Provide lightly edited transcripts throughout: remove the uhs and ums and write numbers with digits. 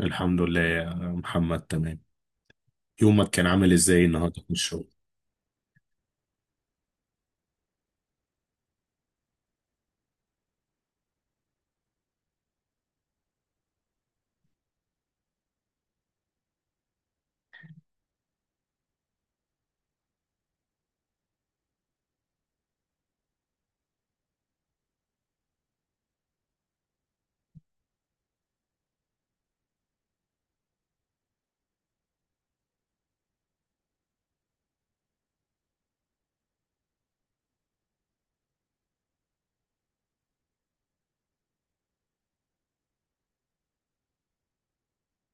الحمد لله يا محمد، تمام. يومك كان عامل ازاي النهارده في الشغل؟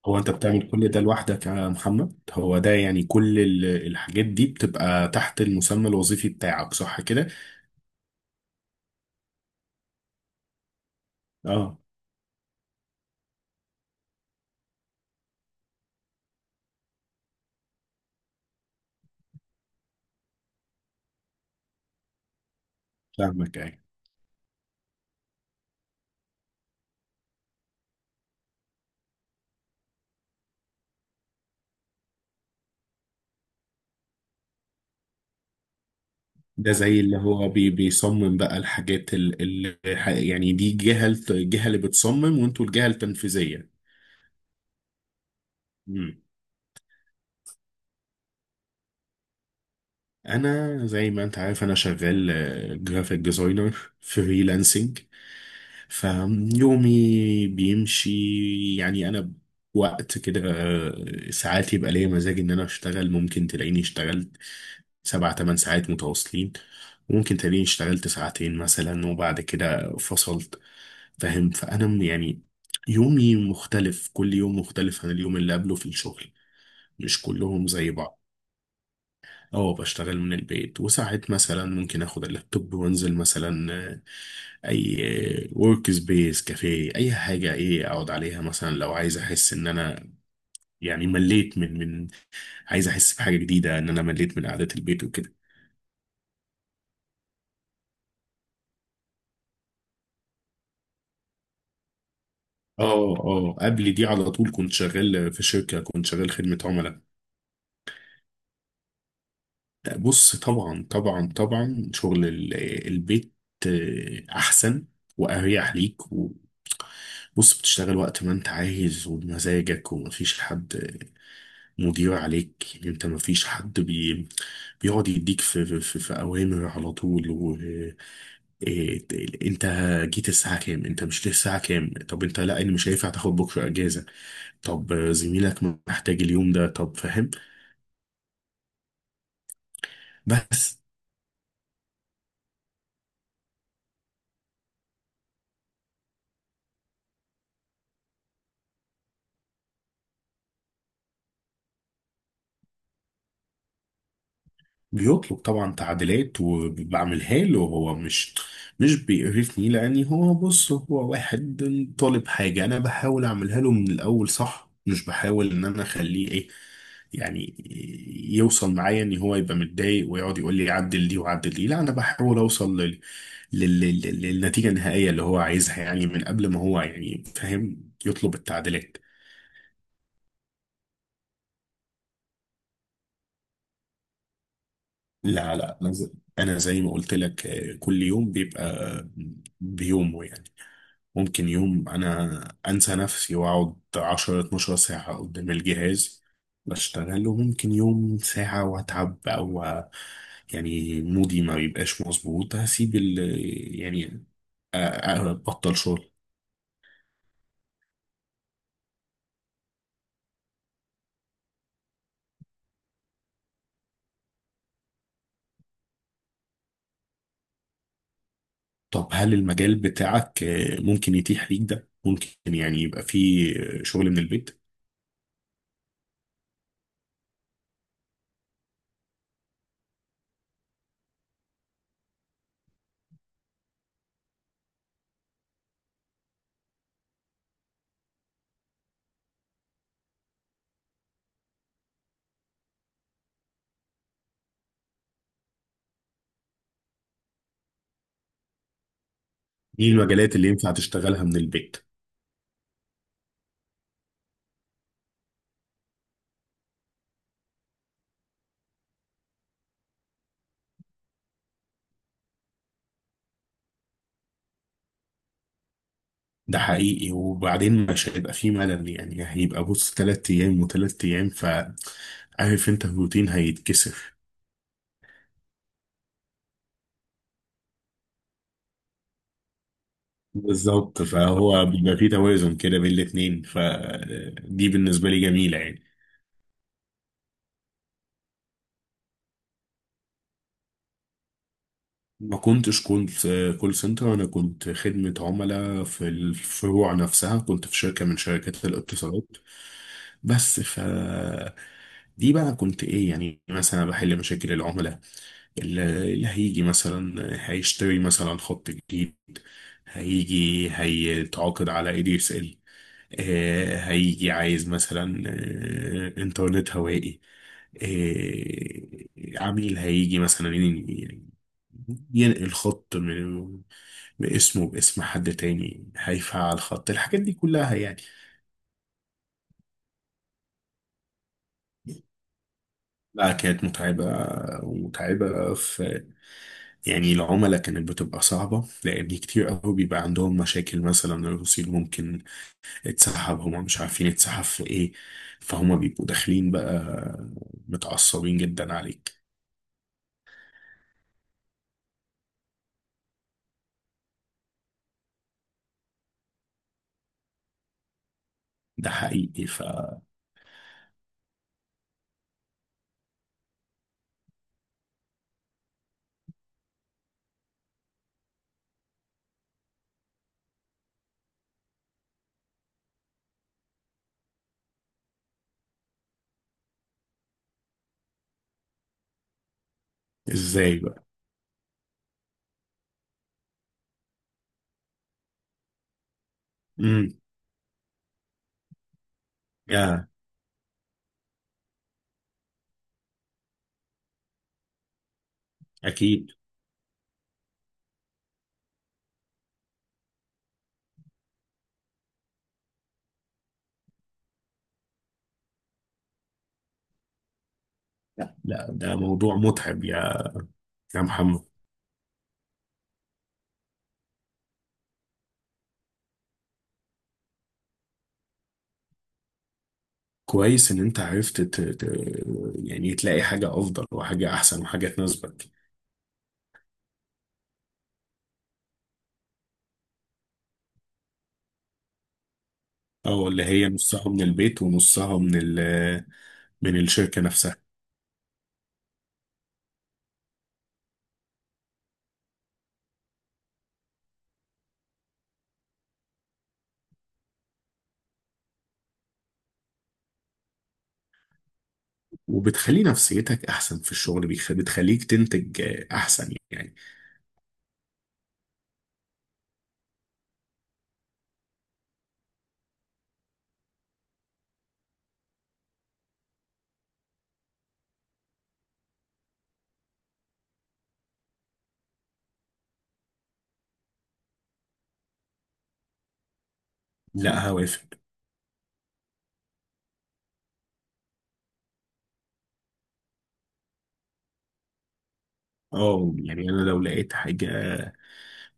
هو انت بتعمل كل ده لوحدك يا محمد؟ هو ده يعني كل الحاجات دي بتبقى تحت المسمى الوظيفي بتاعك، صح كده؟ اه، فاهمك اي. ده زي اللي هو بيصمم بقى الحاجات اللي يعني دي جهة الجهة اللي بتصمم وانتوا الجهة التنفيذية. انا زي ما انت عارف انا شغال جرافيك ديزاينر فريلانسنج، فيومي بيمشي يعني انا وقت كده، ساعات يبقى ليا مزاج ان انا اشتغل، ممكن تلاقيني اشتغلت سبع تمن ساعات متواصلين، وممكن تلاقيني اشتغلت ساعتين مثلا وبعد كده فصلت، فاهم؟ يعني يومي مختلف، كل يوم مختلف عن اليوم اللي قبله في الشغل، مش كلهم زي بعض. اه، بشتغل من البيت، وساعات مثلا ممكن اخد اللابتوب وانزل مثلا، اي ورك سبيس، كافيه، اي حاجه ايه اقعد عليها، مثلا لو عايز احس ان انا يعني مليت من، عايز احس بحاجه جديده، ان انا مليت من قعده البيت وكده. اه، اه، قبل دي على طول كنت شغال في شركه، كنت شغال خدمه عملاء. بص، طبعا طبعا طبعا شغل البيت، احسن واريح ليك و-، بص بتشتغل وقت ما انت عايز وبمزاجك، ومفيش حد مدير عليك، يعني انت مفيش حد بيقعد يديك في اوامر على طول، و إيه، انت جيت الساعه كام؟ انت مش جيت الساعه كام؟ طب انت، لا انا مش هينفع تاخد بكره اجازه، طب زميلك محتاج اليوم ده، طب، فاهم. بس بيطلب طبعا تعديلات وبعملها له، هو مش بيقرفني، لاني هو بص، هو واحد طالب حاجة، انا بحاول اعملها له من الاول صح، مش بحاول ان انا اخليه ايه يعني يوصل معايا ان هو يبقى متضايق ويقعد يقول لي عدل دي وعدل دي، لا انا بحاول اوصل للنتيجة النهائية اللي هو عايزها، يعني من قبل ما هو يعني فاهم يطلب التعديلات. لا لا انا زي أنا زي ما قلت لك، كل يوم بيبقى بيومه يعني، ممكن يوم انا انسى نفسي واقعد 10 12 ساعة قدام الجهاز بشتغل، وممكن يوم ساعة واتعب، او يعني مودي ما بيبقاش مظبوط هسيب ال يعني ابطل شغل. طب هل المجال بتاعك، ممكن يتيح ليك ده؟ ممكن يعني يبقى فيه شغل من البيت؟ ايه المجالات اللي ينفع تشتغلها من البيت؟ ده حقيقي، وبعدين مش هيبقى فيه ملل، يعني هيبقى بص تلات أيام وتلات أيام، ف عارف أنت الروتين هيتكسر. بالظبط، فهو بيبقى فيه توازن كده بين الاتنين، فدي بالنسبة لي جميلة يعني. ما كنتش كنت كول سنتر، أنا كنت خدمة عملاء في الفروع نفسها، كنت في شركة من شركات الاتصالات بس، ف دي بقى كنت إيه، يعني مثلا بحل مشاكل العملاء، اللي هيجي مثلا هيشتري مثلا خط جديد، هيجي هيتعاقد على اي دي اس ال، هيجي عايز مثلا، انترنت هوائي، عميل هيجي مثلا ينقل خط من باسمه باسم حد تاني، هيفعل خط، الحاجات دي كلها يعني. لا كانت متعبة، ومتعبة في يعني العملاء، كانت بتبقى صعبة، لأن كتير قوي بيبقى عندهم مشاكل، مثلا الرصيد ممكن اتسحب، هما مش عارفين اتسحب في ايه، فهما بيبقوا داخلين بقى متعصبين جدا عليك. ده حقيقي، فازاي بقى. امم، يا، أكيد. لا ده موضوع متعب يا، يا محمد. كويس إن أنت عرفت يعني تلاقي حاجة أفضل، وحاجة أحسن، وحاجة تناسبك. أو اللي هي نصها من البيت ونصها من من الشركة نفسها. وبتخلي نفسيتك احسن في الشغل، بتخليك تنتج، احسن يعني. لا هوافق. اه يعني انا لو لقيت حاجة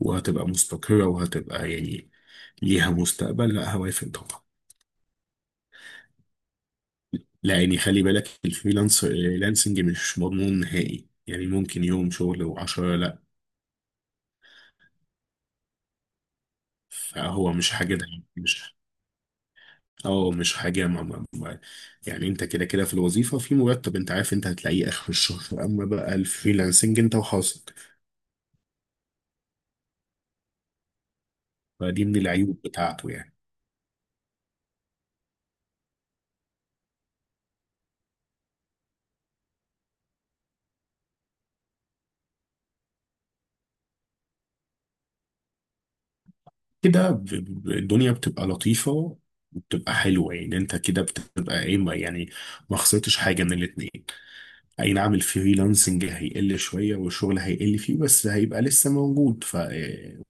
وهتبقى مستقرة، وهتبقى يعني ليها مستقبل، لا هوافق طبعا. لا يعني خلي بالك الفريلانس لانسنج مش مضمون نهائي، يعني ممكن يوم شغل وعشرة لا، فهو مش حاجة ده. مش، اه مش حاجة ما ما ما يعني انت كده كده في الوظيفة في مرتب، انت عارف انت هتلاقيه اخر الشهر، اما بقى الفريلانسنج انت وحظك، فدي من العيوب بتاعته يعني. كده الدنيا بتبقى لطيفة وبتبقى حلوة، يعني انت كده بتبقى ايه يعني ما خسرتش حاجة من الاتنين. اي نعم الفريلانسنج هيقل شوية، والشغل هيقل فيه بس هيبقى لسه موجود، ف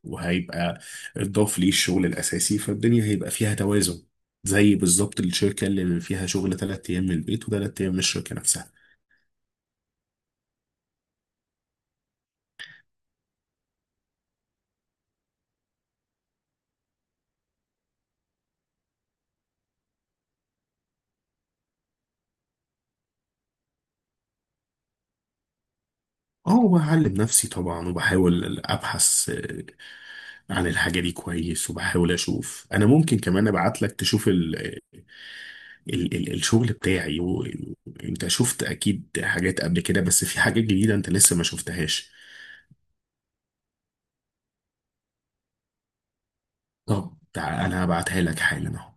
وهيبقى اتضاف ليه الشغل الأساسي، فالدنيا هيبقى فيها توازن، زي بالظبط الشركة اللي فيها شغل تلات أيام من البيت وتلات أيام من الشركة نفسها. اه بعلم نفسي طبعا، وبحاول ابحث عن الحاجة دي كويس، وبحاول أشوف. أنا ممكن كمان أبعت لك تشوف ال الشغل بتاعي، و- وأنت شفت أكيد حاجات قبل كده، بس في حاجات جديدة أنت لسه ما شفتهاش. طب تعال أنا هبعتها لك حالا أهو.